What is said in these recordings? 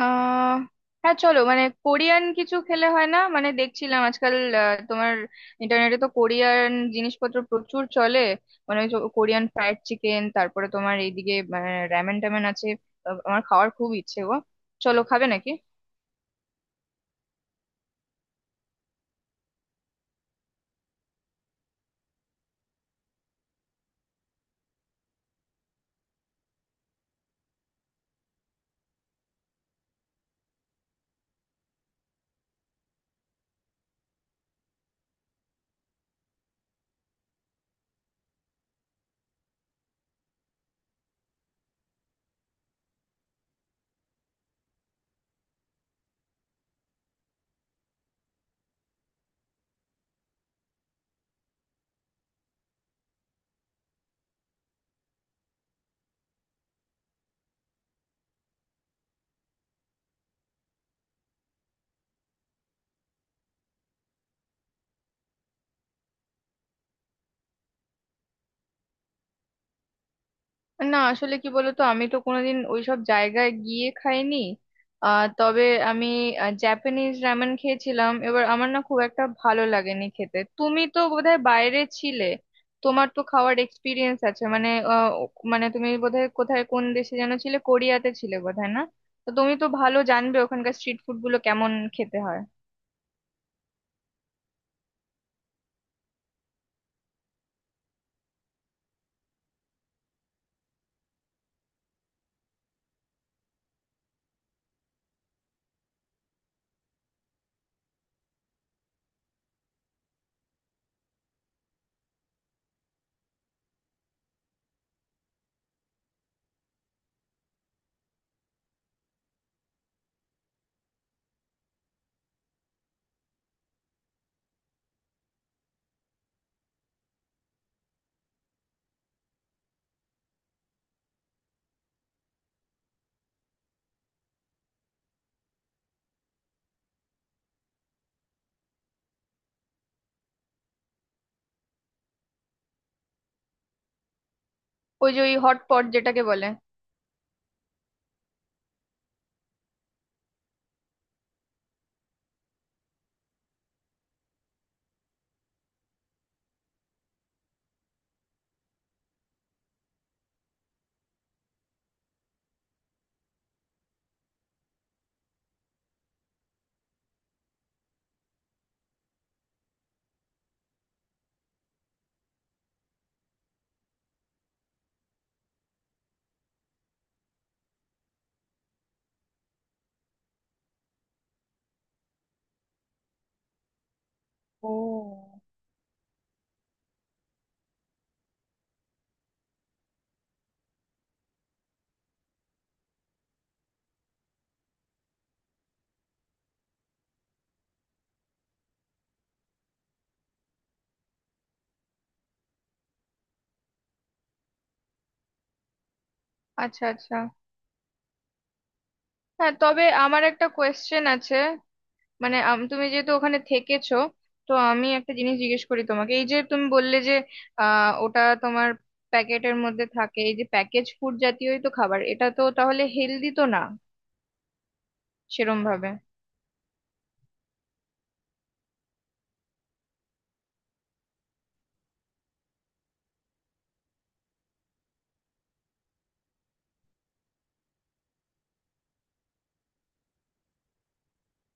আহ হ্যাঁ, চলো মানে কোরিয়ান কিছু খেলে হয় না। মানে দেখছিলাম আজকাল তোমার ইন্টারনেটে তো কোরিয়ান জিনিসপত্র প্রচুর চলে। মানে ওই যে কোরিয়ান ফ্রাইড চিকেন, তারপরে তোমার এইদিকে র্যামেন ট্যামেন আছে। আমার খাওয়ার খুব ইচ্ছে গো। চলো, খাবে নাকি? না, আসলে কি বলতো, আমি তো কোনোদিন ওইসব জায়গায় গিয়ে খাইনি। তবে আমি জাপানিজ রামেন খেয়েছিলাম এবার, আমার না খুব একটা ভালো লাগেনি খেতে। তুমি তো বোধহয় বাইরে ছিলে, তোমার তো খাওয়ার এক্সপিরিয়েন্স আছে। মানে মানে তুমি বোধহয় কোথায় কোন দেশে যেন ছিলে, কোরিয়াতে ছিলে বোধহয়, না? তো তুমি তো ভালো জানবে ওখানকার স্ট্রিট ফুড গুলো কেমন খেতে হয়। ওই যে ওই হট পট যেটাকে বলে। ও, আচ্ছা আচ্ছা। হ্যাঁ, তবে আমার একটা কোয়েশ্চেন আছে। মানে তুমি যেহেতু ওখানে থেকেছো, তো আমি একটা জিনিস জিজ্ঞেস করি তোমাকে। এই যে তুমি বললে যে ওটা তোমার প্যাকেটের মধ্যে থাকে, এই যে প্যাকেজ ফুড জাতীয়ই তো খাবার, এটা তো তাহলে হেলদি তো না সেরম ভাবে।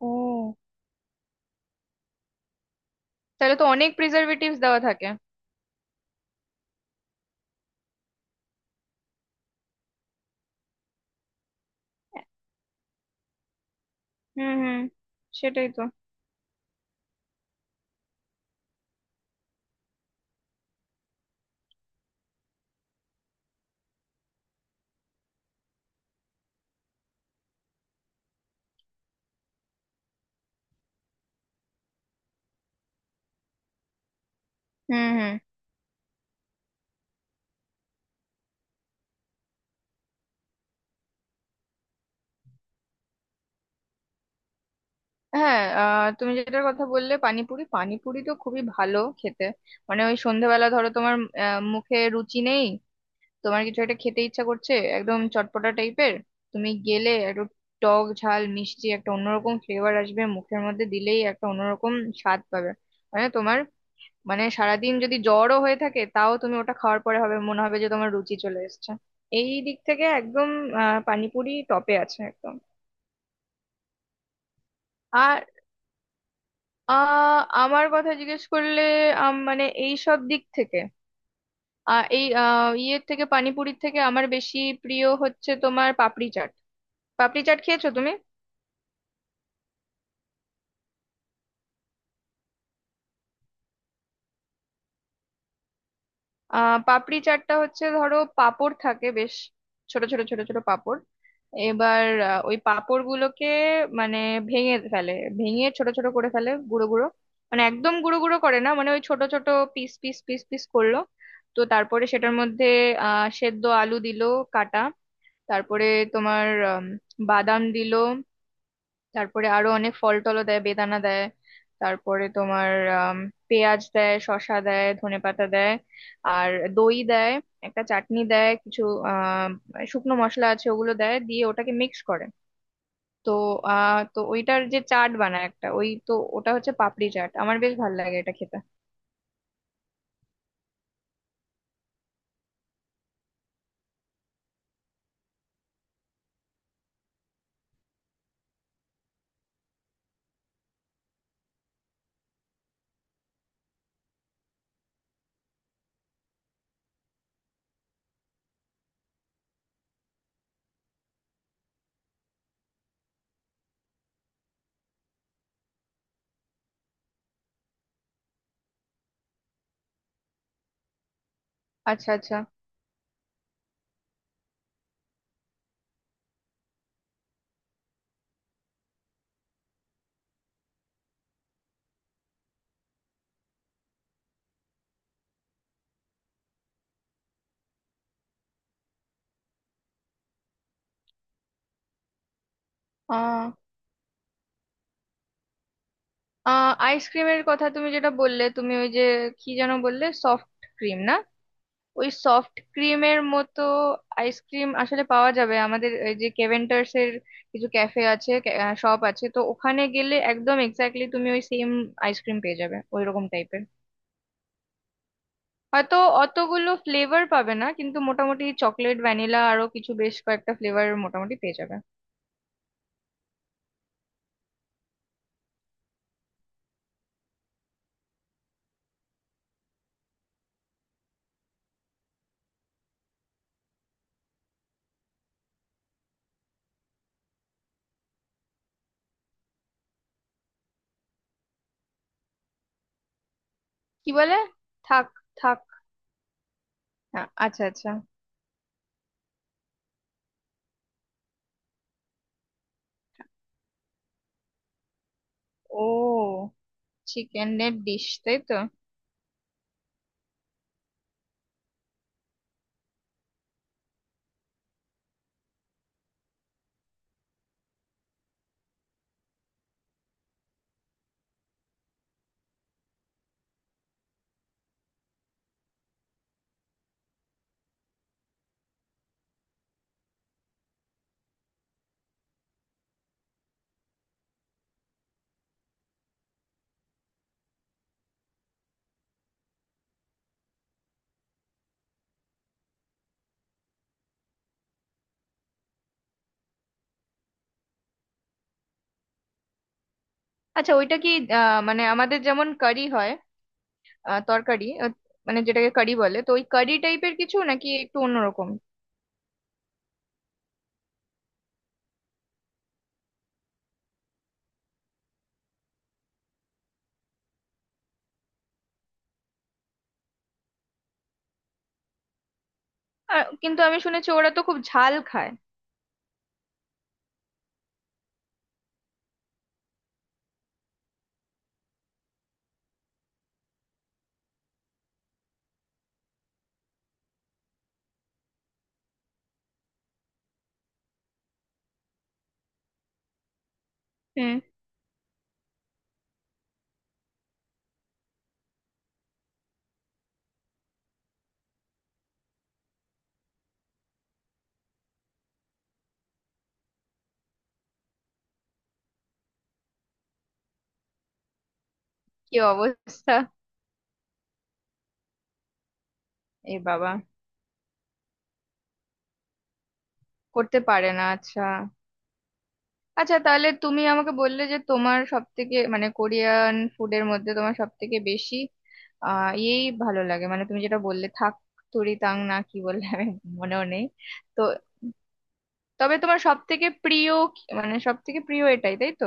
ও, তাহলে তো অনেক প্রিজারভেটিভস দেওয়া থাকে। হুম হুম। সেটাই তো। হুম হুম। হ্যাঁ, তুমি যেটার কথা বললে পানিপুরি, পানিপুরি তো খুবই ভালো খেতে। মানে ওই সন্ধ্যাবেলা ধরো তোমার মুখে রুচি নেই, তোমার কিছু একটা খেতে ইচ্ছা করছে একদম চটপটা টাইপের। তুমি গেলে একটু টক ঝাল মিষ্টি একটা অন্যরকম ফ্লেভার আসবে, মুখের মধ্যে দিলেই একটা অন্যরকম স্বাদ পাবে। মানে তোমার মানে সারাদিন যদি জ্বরও হয়ে থাকে, তাও তুমি ওটা খাওয়ার পরে হবে, মনে হবে যে তোমার রুচি চলে এসেছে। এই দিক থেকে একদম পানিপুরি টপে আছে একদম। আর আমার কথা জিজ্ঞেস করলে মানে এই সব দিক থেকে আহ এই আহ ইয়ের থেকে পানিপুরির থেকে আমার বেশি প্রিয় হচ্ছে তোমার পাপড়ি চাট। পাপড়ি চাট খেয়েছো তুমি? পাপড়ি চাটটা হচ্ছে, ধরো পাঁপড় থাকে বেশ ছোট ছোট ছোট ছোট পাঁপড়। এবার ওই পাঁপড় গুলোকে মানে ভেঙে ফেলে, ভেঙে ছোট ছোট করে ফেলে গুঁড়ো গুঁড়ো, মানে একদম গুঁড়ো গুঁড়ো করে না, মানে ওই ছোট ছোট পিস পিস পিস পিস করলো। তো তারপরে সেটার মধ্যে সেদ্ধ আলু দিল, কাটা। তারপরে তোমার আম, বাদাম দিল। তারপরে আরো অনেক ফল টলও দেয়, বেদানা দেয়। তারপরে তোমার আম, পেঁয়াজ দেয়, শসা দেয়, ধনেপাতা দেয়। আর দই দেয়। একটা চাটনি দেয়, কিছু শুকনো মশলা আছে ওগুলো দেয়, দিয়ে ওটাকে মিক্স করে। তো তো ওইটার যে চাট বানায় একটা, ওই তো ওটা হচ্ছে পাপড়ি চাট। আমার বেশ ভালো লাগে এটা খেতে। আচ্ছা আচ্ছা। আহ আইসক্রিমের কথা তুমি যেটা বললে, তুমি ওই যে কি যেন বললে, সফট ক্রিম না? ওই সফট ক্রিমের মতো আইসক্রিম আসলে পাওয়া যাবে আমাদের এই যে কেভেন্টার্স এর কিছু ক্যাফে আছে, শপ আছে, তো ওখানে গেলে একদম এক্স্যাক্টলি তুমি ওই সেম আইসক্রিম পেয়ে যাবে ওই রকম টাইপের। হয়তো অতগুলো ফ্লেভার পাবে না, কিন্তু মোটামুটি চকলেট, ভ্যানিলা, আরো কিছু বেশ কয়েকটা ফ্লেভার মোটামুটি পেয়ে যাবে। কি বলে? থাক, থাক। হ্যাঁ, আচ্ছা আচ্ছা। ও, চিকেনের ডিশ, তাই তো? আচ্ছা, ওইটা কি মানে আমাদের যেমন কারি হয়, তরকারি, মানে যেটাকে কারি বলে, তো ওই কারি টাইপের কিছু নাকি একটু অন্যরকম? আর কিন্তু আমি শুনেছি ওরা তো খুব ঝাল খায়। হুম। কি অবস্থা! এ বাবা! করতে পারে না, আচ্ছা। আচ্ছা, তাহলে তুমি আমাকে বললে যে তোমার সব থেকে, মানে কোরিয়ান ফুডের মধ্যে তোমার সব থেকে বেশি আহ এই ভালো লাগে, মানে তুমি যেটা বললে থাক তুরি তাং, না কি বললে আমি মনেও নেই। তো তবে তোমার সব থেকে প্রিয় মানে সব থেকে প্রিয় এটাই, তাই তো?